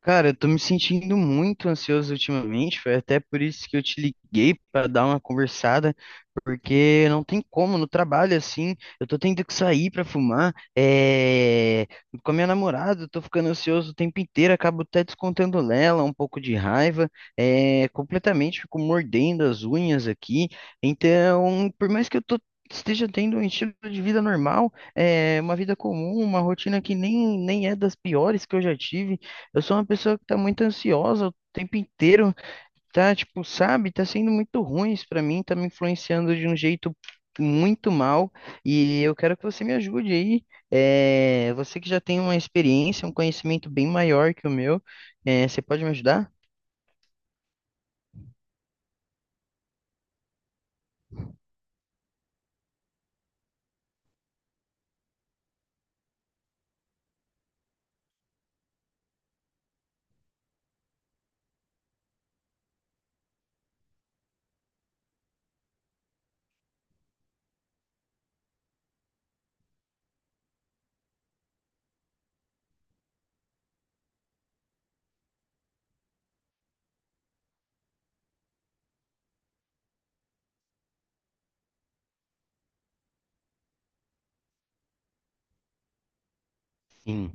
Cara, eu tô me sentindo muito ansioso ultimamente, foi até por isso que eu te liguei para dar uma conversada, porque não tem como no trabalho assim, eu tô tendo que sair para fumar, com a minha namorada, eu tô ficando ansioso o tempo inteiro, acabo até descontando nela um pouco de raiva, completamente fico mordendo as unhas aqui, então, por mais que eu tô esteja tendo um estilo de vida normal, é uma vida comum, uma rotina que nem é das piores que eu já tive. Eu sou uma pessoa que tá muito ansiosa o tempo inteiro, tá, tipo, sabe, tá sendo muito ruim isso pra mim, tá me influenciando de um jeito muito mal e eu quero que você me ajude aí. Você que já tem uma experiência, um conhecimento bem maior que o meu, você pode me ajudar? Sim.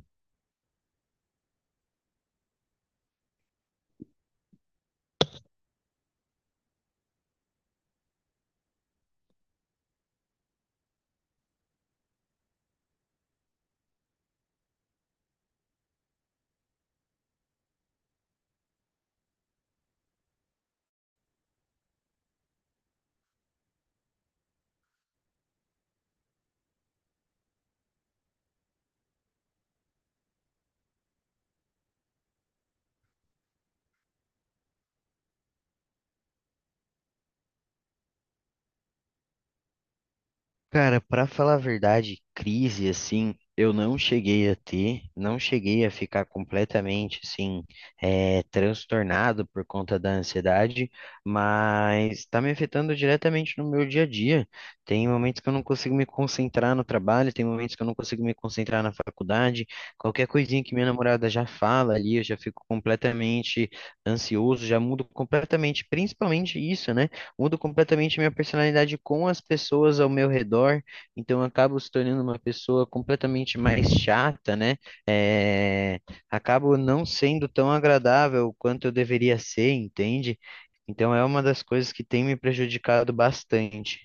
Cara, pra falar a verdade, crise assim, eu não cheguei a ter, não cheguei a ficar completamente assim, transtornado por conta da ansiedade, mas tá me afetando diretamente no meu dia a dia. Tem momentos que eu não consigo me concentrar no trabalho, tem momentos que eu não consigo me concentrar na faculdade. Qualquer coisinha que minha namorada já fala ali, eu já fico completamente ansioso, já mudo completamente, principalmente isso, né? Mudo completamente minha personalidade com as pessoas ao meu redor, então eu acabo se tornando uma pessoa completamente mais chata, né? É, Acabo não sendo tão agradável quanto eu deveria ser, entende? Então é uma das coisas que tem me prejudicado bastante.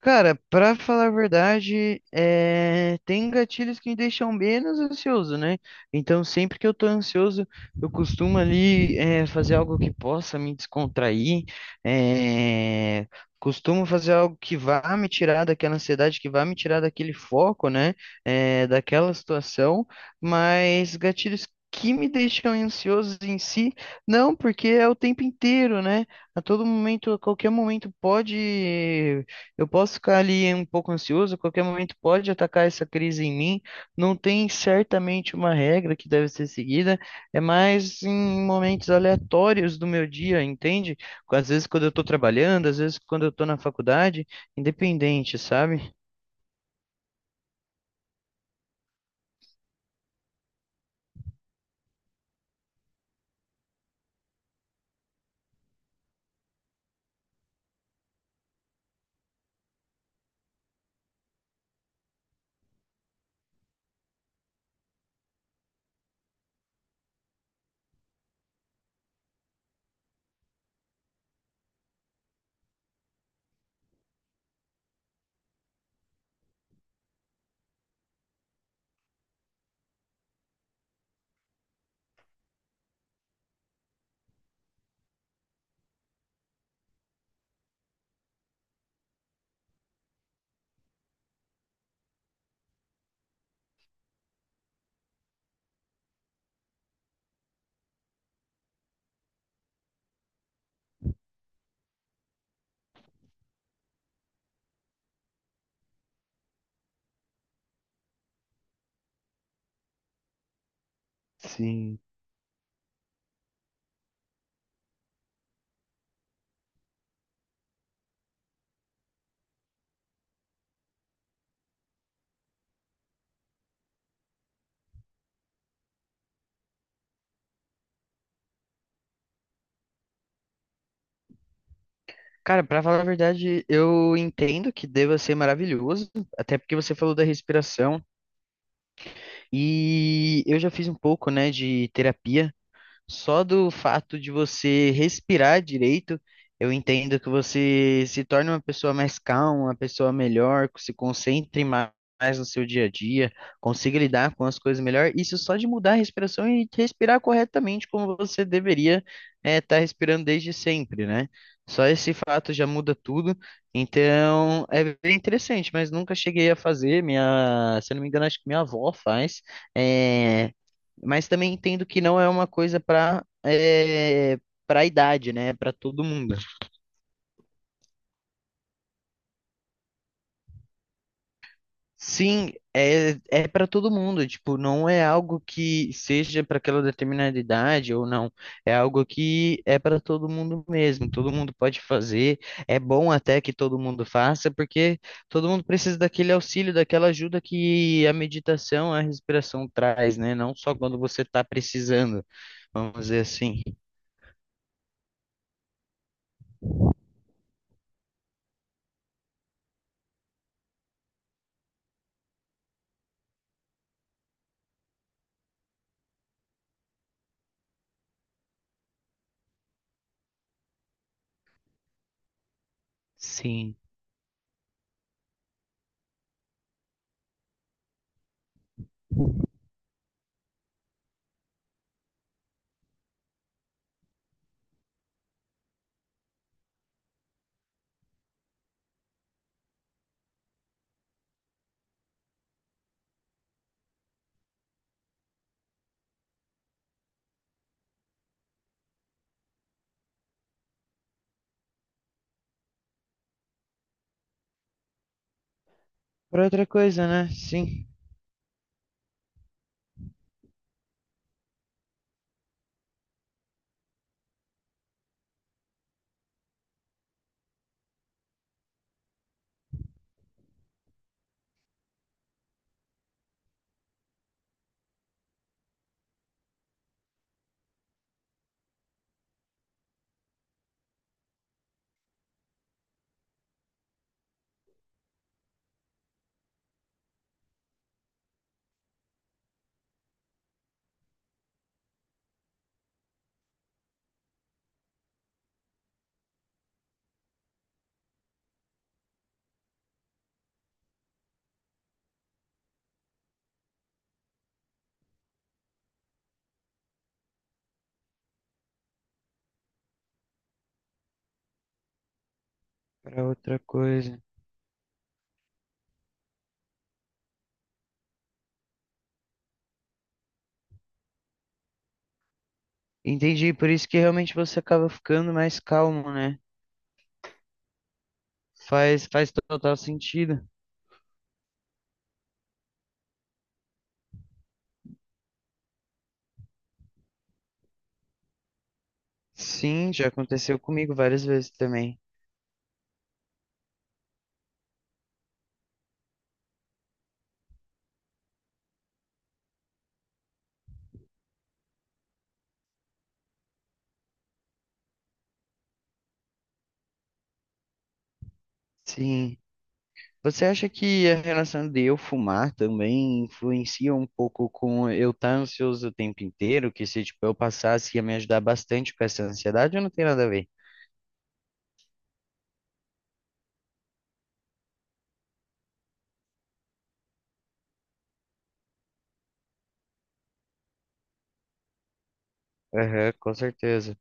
Cara, pra falar a verdade, é, tem gatilhos que me deixam menos ansioso, né? Então, sempre que eu tô ansioso, eu costumo ali fazer algo que possa me descontrair, é, costumo fazer algo que vá me tirar daquela ansiedade, que vá me tirar daquele foco, né? Daquela situação, mas gatilhos que me deixam ansiosos em si, não, porque é o tempo inteiro, né? A todo momento, a qualquer momento pode eu posso ficar ali um pouco ansioso, a qualquer momento pode atacar essa crise em mim. Não tem certamente uma regra que deve ser seguida, é mais em momentos aleatórios do meu dia, entende? Às vezes quando eu estou trabalhando, às vezes quando eu estou na faculdade, independente, sabe? Sim. Cara, para falar a verdade, eu entendo que deva ser maravilhoso, até porque você falou da respiração e eu já fiz um pouco, né, de terapia. Só do fato de você respirar direito, eu entendo que você se torne uma pessoa mais calma, uma pessoa melhor, que se mais no seu dia a dia, consiga lidar com as coisas melhor. Isso só de mudar a respiração e respirar corretamente como você deveria estar respirando desde sempre, né? Só esse fato já muda tudo. Então, é bem interessante, mas nunca cheguei a fazer. Minha, se eu não me engano, acho que minha avó faz. é mas também entendo que não é uma coisa para para idade, né? Para todo mundo. Sim, é, é para todo mundo. Tipo, não é algo que seja para aquela determinada idade ou não. É algo que é para todo mundo mesmo. Todo mundo pode fazer. É bom até que todo mundo faça, porque todo mundo precisa daquele auxílio, daquela ajuda que a meditação, a respiração traz, né? Não só quando você está precisando, vamos dizer assim. Sim. Para outra coisa, né? Sim, para outra coisa. Entendi, por isso que realmente você acaba ficando mais calmo, né? Faz total sentido. Sim, já aconteceu comigo várias vezes também. Sim. Você acha que a relação de eu fumar também influencia um pouco com eu estar ansioso o tempo inteiro? Que se, tipo, eu passasse ia me ajudar bastante com essa ansiedade ou não tem nada a ver? Aham, com certeza.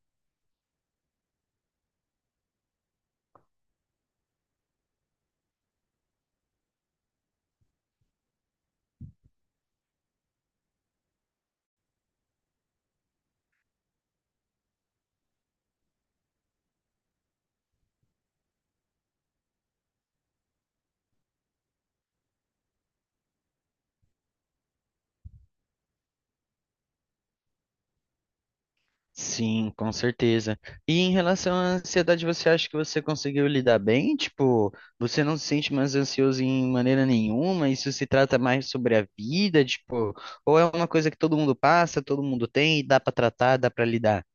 Sim, com certeza. E em relação à ansiedade, você acha que você conseguiu lidar bem? Tipo, você não se sente mais ansioso em maneira nenhuma? Isso se trata mais sobre a vida, tipo, ou é uma coisa que todo mundo passa, todo mundo tem e dá pra tratar, dá pra lidar?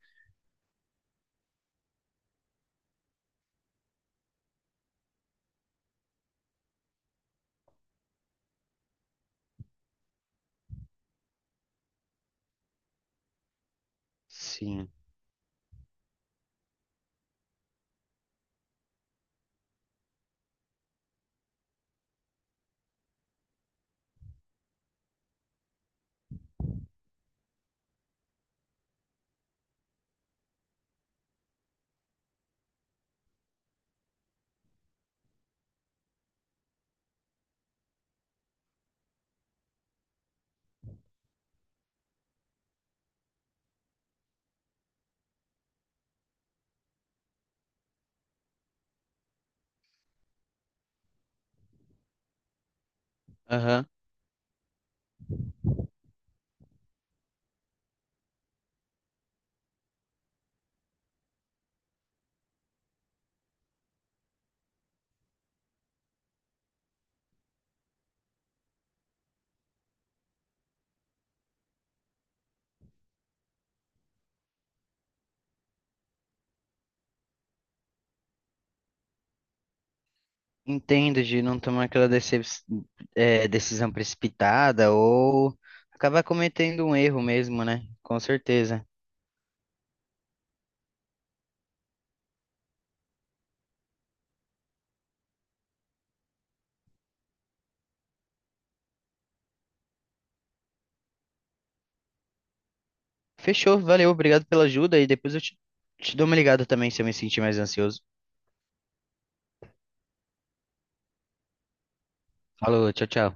Sim. Aham. Entendo de não tomar aquela é, decisão precipitada ou acabar cometendo um erro mesmo, né? Com certeza. Fechou, valeu, obrigado pela ajuda e depois eu te, te dou uma ligada também se eu me sentir mais ansioso. Falou, tchau, tchau.